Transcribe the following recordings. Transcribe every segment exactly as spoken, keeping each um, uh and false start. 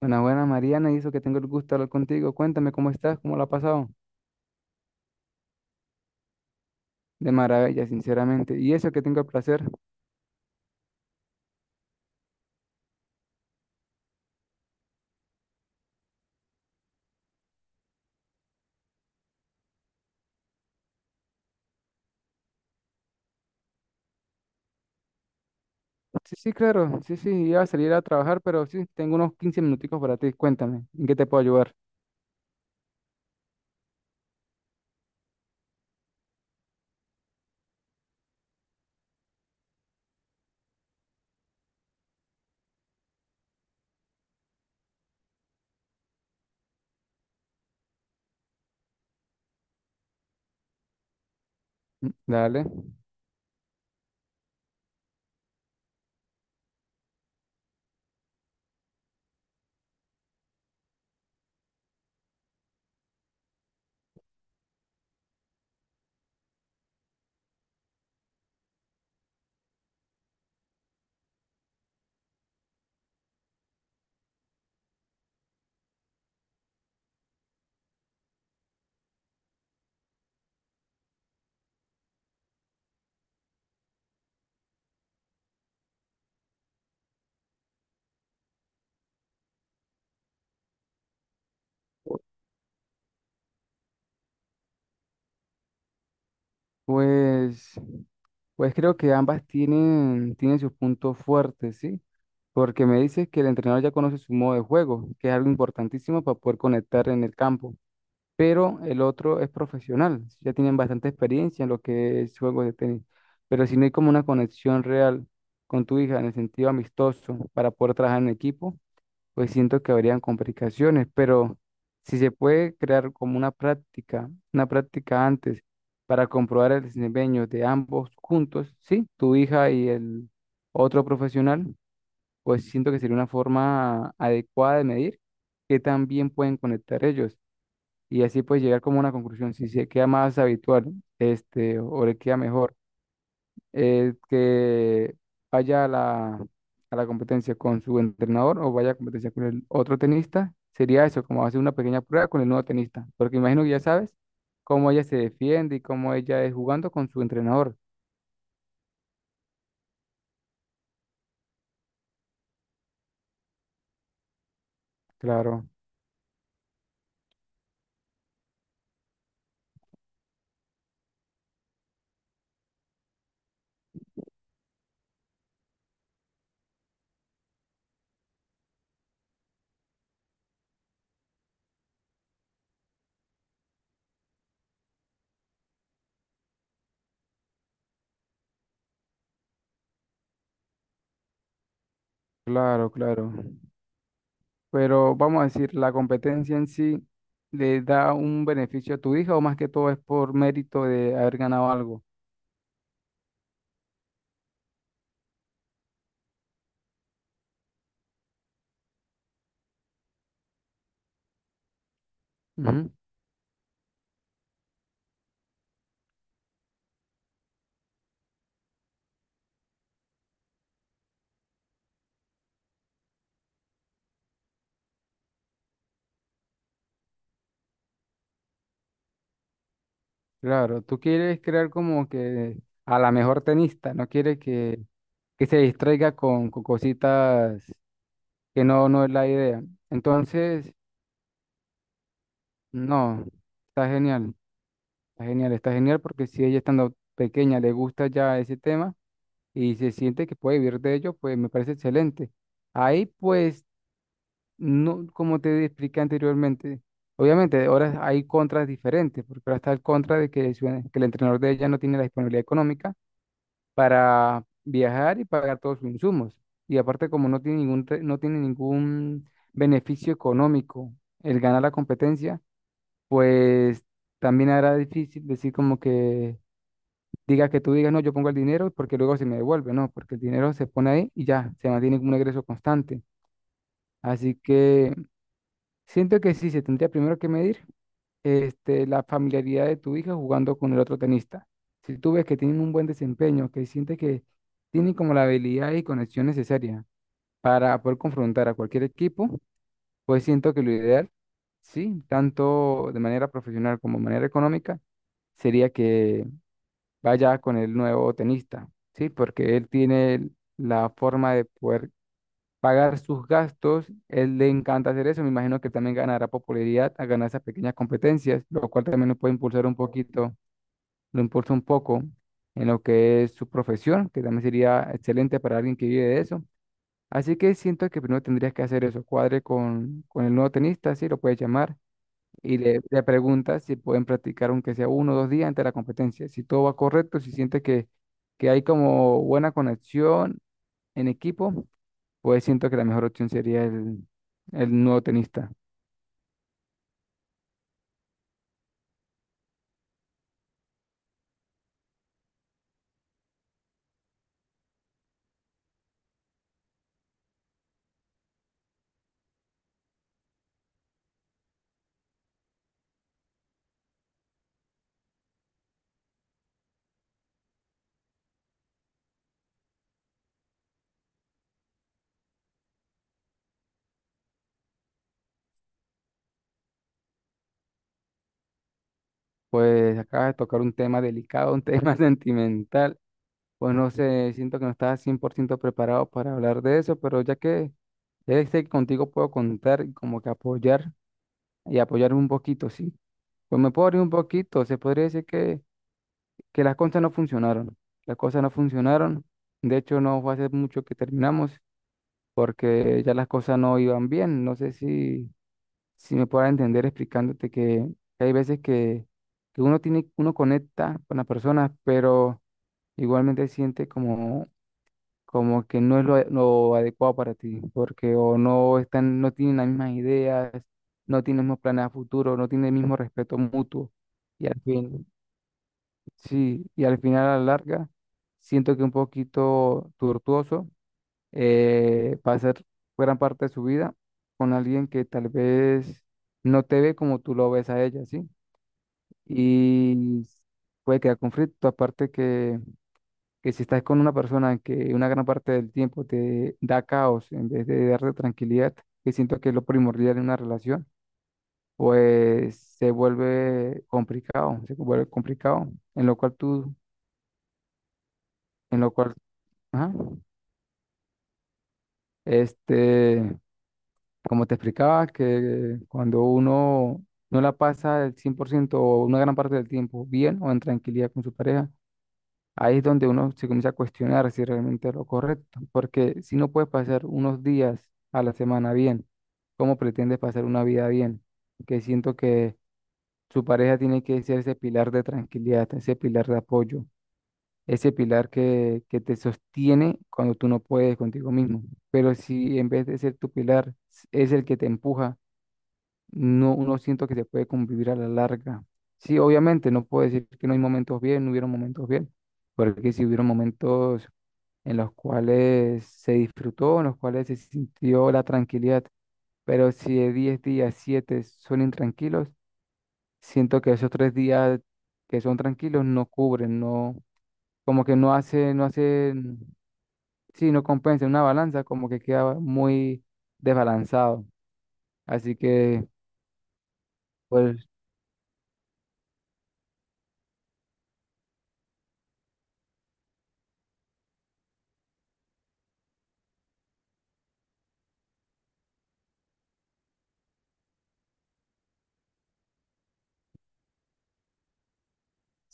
Buenas, buenas, Mariana, y eso que tengo el gusto de hablar contigo. Cuéntame cómo estás, cómo lo has pasado. De maravilla, sinceramente. Y eso que tengo el placer. Sí, sí, claro. Sí, sí, iba a salir a trabajar, pero sí, tengo unos quince minuticos para ti. Cuéntame, ¿en qué te puedo ayudar? Mm. Dale. Pues, pues creo que ambas tienen, tienen sus puntos fuertes, ¿sí? Porque me dices que el entrenador ya conoce su modo de juego, que es algo importantísimo para poder conectar en el campo, pero el otro es profesional, ya tienen bastante experiencia en lo que es juegos de tenis, pero si no hay como una conexión real con tu hija en el sentido amistoso para poder trabajar en equipo, pues siento que habrían complicaciones. Pero si se puede crear como una práctica, una práctica antes para comprobar el desempeño de ambos juntos, ¿sí? Tu hija y el otro profesional, pues siento que sería una forma adecuada de medir que también pueden conectar ellos y así pues llegar como a una conclusión si se queda más habitual, este, o le queda mejor. Eh, que vaya a la, a la competencia con su entrenador o vaya a competencia con el otro tenista, sería eso, como hacer una pequeña prueba con el nuevo tenista, porque imagino que ya sabes cómo ella se defiende y cómo ella es jugando con su entrenador. Claro, claro, claro. Pero vamos a decir, la competencia en sí, ¿le da un beneficio a tu hija o más que todo es por mérito de haber ganado algo? Ujú. Claro, tú quieres crear como que a la mejor tenista. No quieres que, que se distraiga con, con cositas, que no, no es la idea. Entonces no, está genial, está genial, está genial, porque si ella estando pequeña le gusta ya ese tema y se siente que puede vivir de ello, pues me parece excelente. Ahí pues, no, como te expliqué anteriormente, obviamente ahora hay contras diferentes, porque ahora está el contra de que, su- que el entrenador de ella no tiene la disponibilidad económica para viajar y pagar todos sus insumos. Y aparte, como no tiene ningún, te- no tiene ningún beneficio económico el ganar la competencia, pues también era difícil decir como que diga, que tú digas, no, yo pongo el dinero porque luego se me devuelve. No, porque el dinero se pone ahí y ya, se mantiene como un ingreso constante. Así que siento que sí, se tendría primero que medir, este, la familiaridad de tu hija jugando con el otro tenista. Si tú ves que tienen un buen desempeño, que sientes que tienen como la habilidad y conexión necesaria para poder confrontar a cualquier equipo, pues siento que lo ideal, sí, tanto de manera profesional como de manera económica, sería que vaya con el nuevo tenista, ¿sí? Porque él tiene la forma de poder pagar sus gastos. Él le encanta hacer eso. Me imagino que también ganará popularidad a ganar esas pequeñas competencias, lo cual también lo puede impulsar un poquito, lo impulsa un poco en lo que es su profesión, que también sería excelente para alguien que vive de eso. Así que siento que primero tendrías que hacer eso, cuadre con, con el nuevo tenista, si lo puedes llamar, y le, le preguntas si pueden practicar aunque sea uno o dos días antes de la competencia. Si todo va correcto, si sientes que, que hay como buena conexión en equipo, pues siento que la mejor opción sería el, el nuevo tenista. Pues acaba de tocar un tema delicado, un tema sentimental. Pues no sé, siento que no estaba cien por ciento preparado para hablar de eso, pero ya que, ya que sé que contigo puedo contar y como que apoyar y apoyarme un poquito, sí. Pues me puedo abrir un poquito, se podría decir que, que las cosas no funcionaron. Las cosas no funcionaron. De hecho, no fue hace mucho que terminamos, porque ya las cosas no iban bien. No sé si, si me puedo entender explicándote que, que hay veces que, que uno tiene, uno conecta con las personas, pero igualmente siente como, como que no es lo, lo adecuado para ti, porque o no están, no tienen las mismas ideas, no tienen los mismos planes a futuro, no tienen el mismo respeto mutuo. Y al fin, sí, y al final, a la larga, siento que un poquito tortuoso eh, pasar gran parte de su vida con alguien que tal vez no te ve como tú lo ves a ella, ¿sí? Y puede crear conflicto. Aparte que, que si estás con una persona que una gran parte del tiempo te da caos en vez de darte tranquilidad, que siento que es lo primordial en una relación, pues se vuelve complicado, se vuelve complicado. en lo cual tú, en lo cual, ajá, este... como te explicaba, que cuando uno no la pasa el cien por ciento o una gran parte del tiempo bien o en tranquilidad con su pareja, ahí es donde uno se comienza a cuestionar si realmente es lo correcto. Porque si no puedes pasar unos días a la semana bien, ¿cómo pretendes pasar una vida bien? Que siento que su pareja tiene que ser ese pilar de tranquilidad, ese pilar de apoyo, ese pilar que, que te sostiene cuando tú no puedes contigo mismo. Pero si en vez de ser tu pilar es el que te empuja, no, no siento que se puede convivir a la larga. Sí, obviamente, no puedo decir que no hay momentos bien, no hubieron momentos bien, porque sí hubieron momentos en los cuales se disfrutó, en los cuales se sintió la tranquilidad. Pero si de diez días, siete son intranquilos, siento que esos tres días que son tranquilos no cubren, no, como que no hace, no hacen, sí, no compensa, una balanza como que queda muy desbalanzado. Así que pues,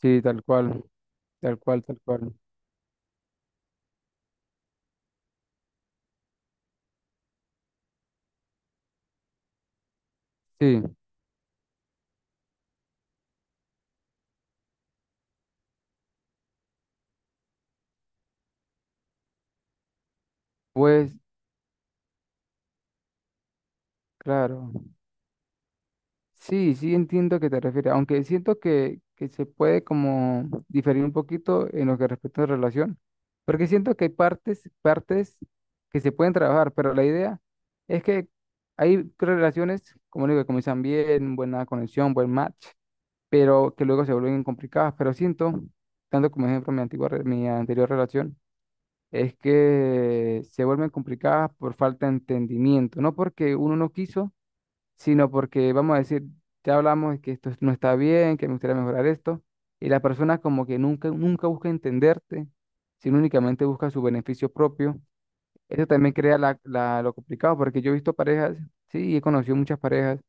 sí, tal cual. Tal cual, tal cual. Sí, pues claro. Sí, sí, entiendo a qué te refieres, aunque siento que, que se puede como diferir un poquito en lo que respecta a la relación, porque siento que hay partes, partes que se pueden trabajar, pero la idea es que hay relaciones, como digo, que comienzan bien, buena conexión, buen match, pero que luego se vuelven complicadas. Pero siento, tanto como ejemplo mi antigua, re- mi anterior relación, es que se vuelven complicadas por falta de entendimiento, no porque uno no quiso, sino porque vamos a decir, ya hablamos de que esto no está bien, que me gustaría mejorar esto, y la persona como que nunca, nunca busca entenderte, sino únicamente busca su beneficio propio. Eso también crea la, la- lo complicado, porque yo he visto parejas, sí, he conocido muchas parejas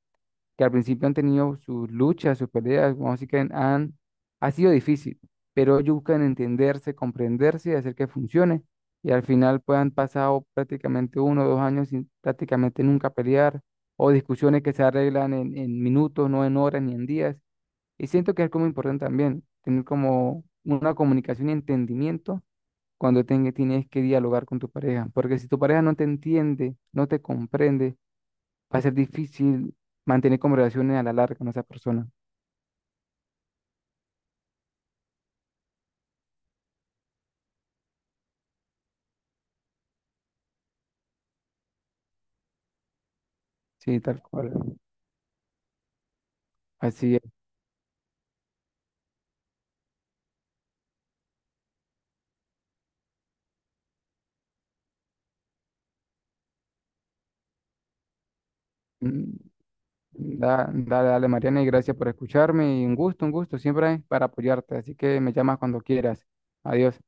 que al principio han tenido sus luchas, sus peleas, como así que han, han- ha sido difícil, pero ellos buscan entenderse, comprenderse y hacer que funcione. Y al final pues han pasado prácticamente uno o dos años sin prácticamente nunca pelear, o discusiones que se arreglan en, en minutos, no en horas ni en días. Y siento que es como importante también tener como una comunicación y entendimiento cuando ten- tienes que dialogar con tu pareja, porque si tu pareja no te entiende, no te comprende, va a ser difícil mantener conversaciones a la larga con esa persona. Sí, tal cual. Así es. Mm. da- Dale, dale, Mariana, y gracias por escucharme. Y un gusto, un gusto, siempre para apoyarte. Así que me llamas cuando quieras. Adiós.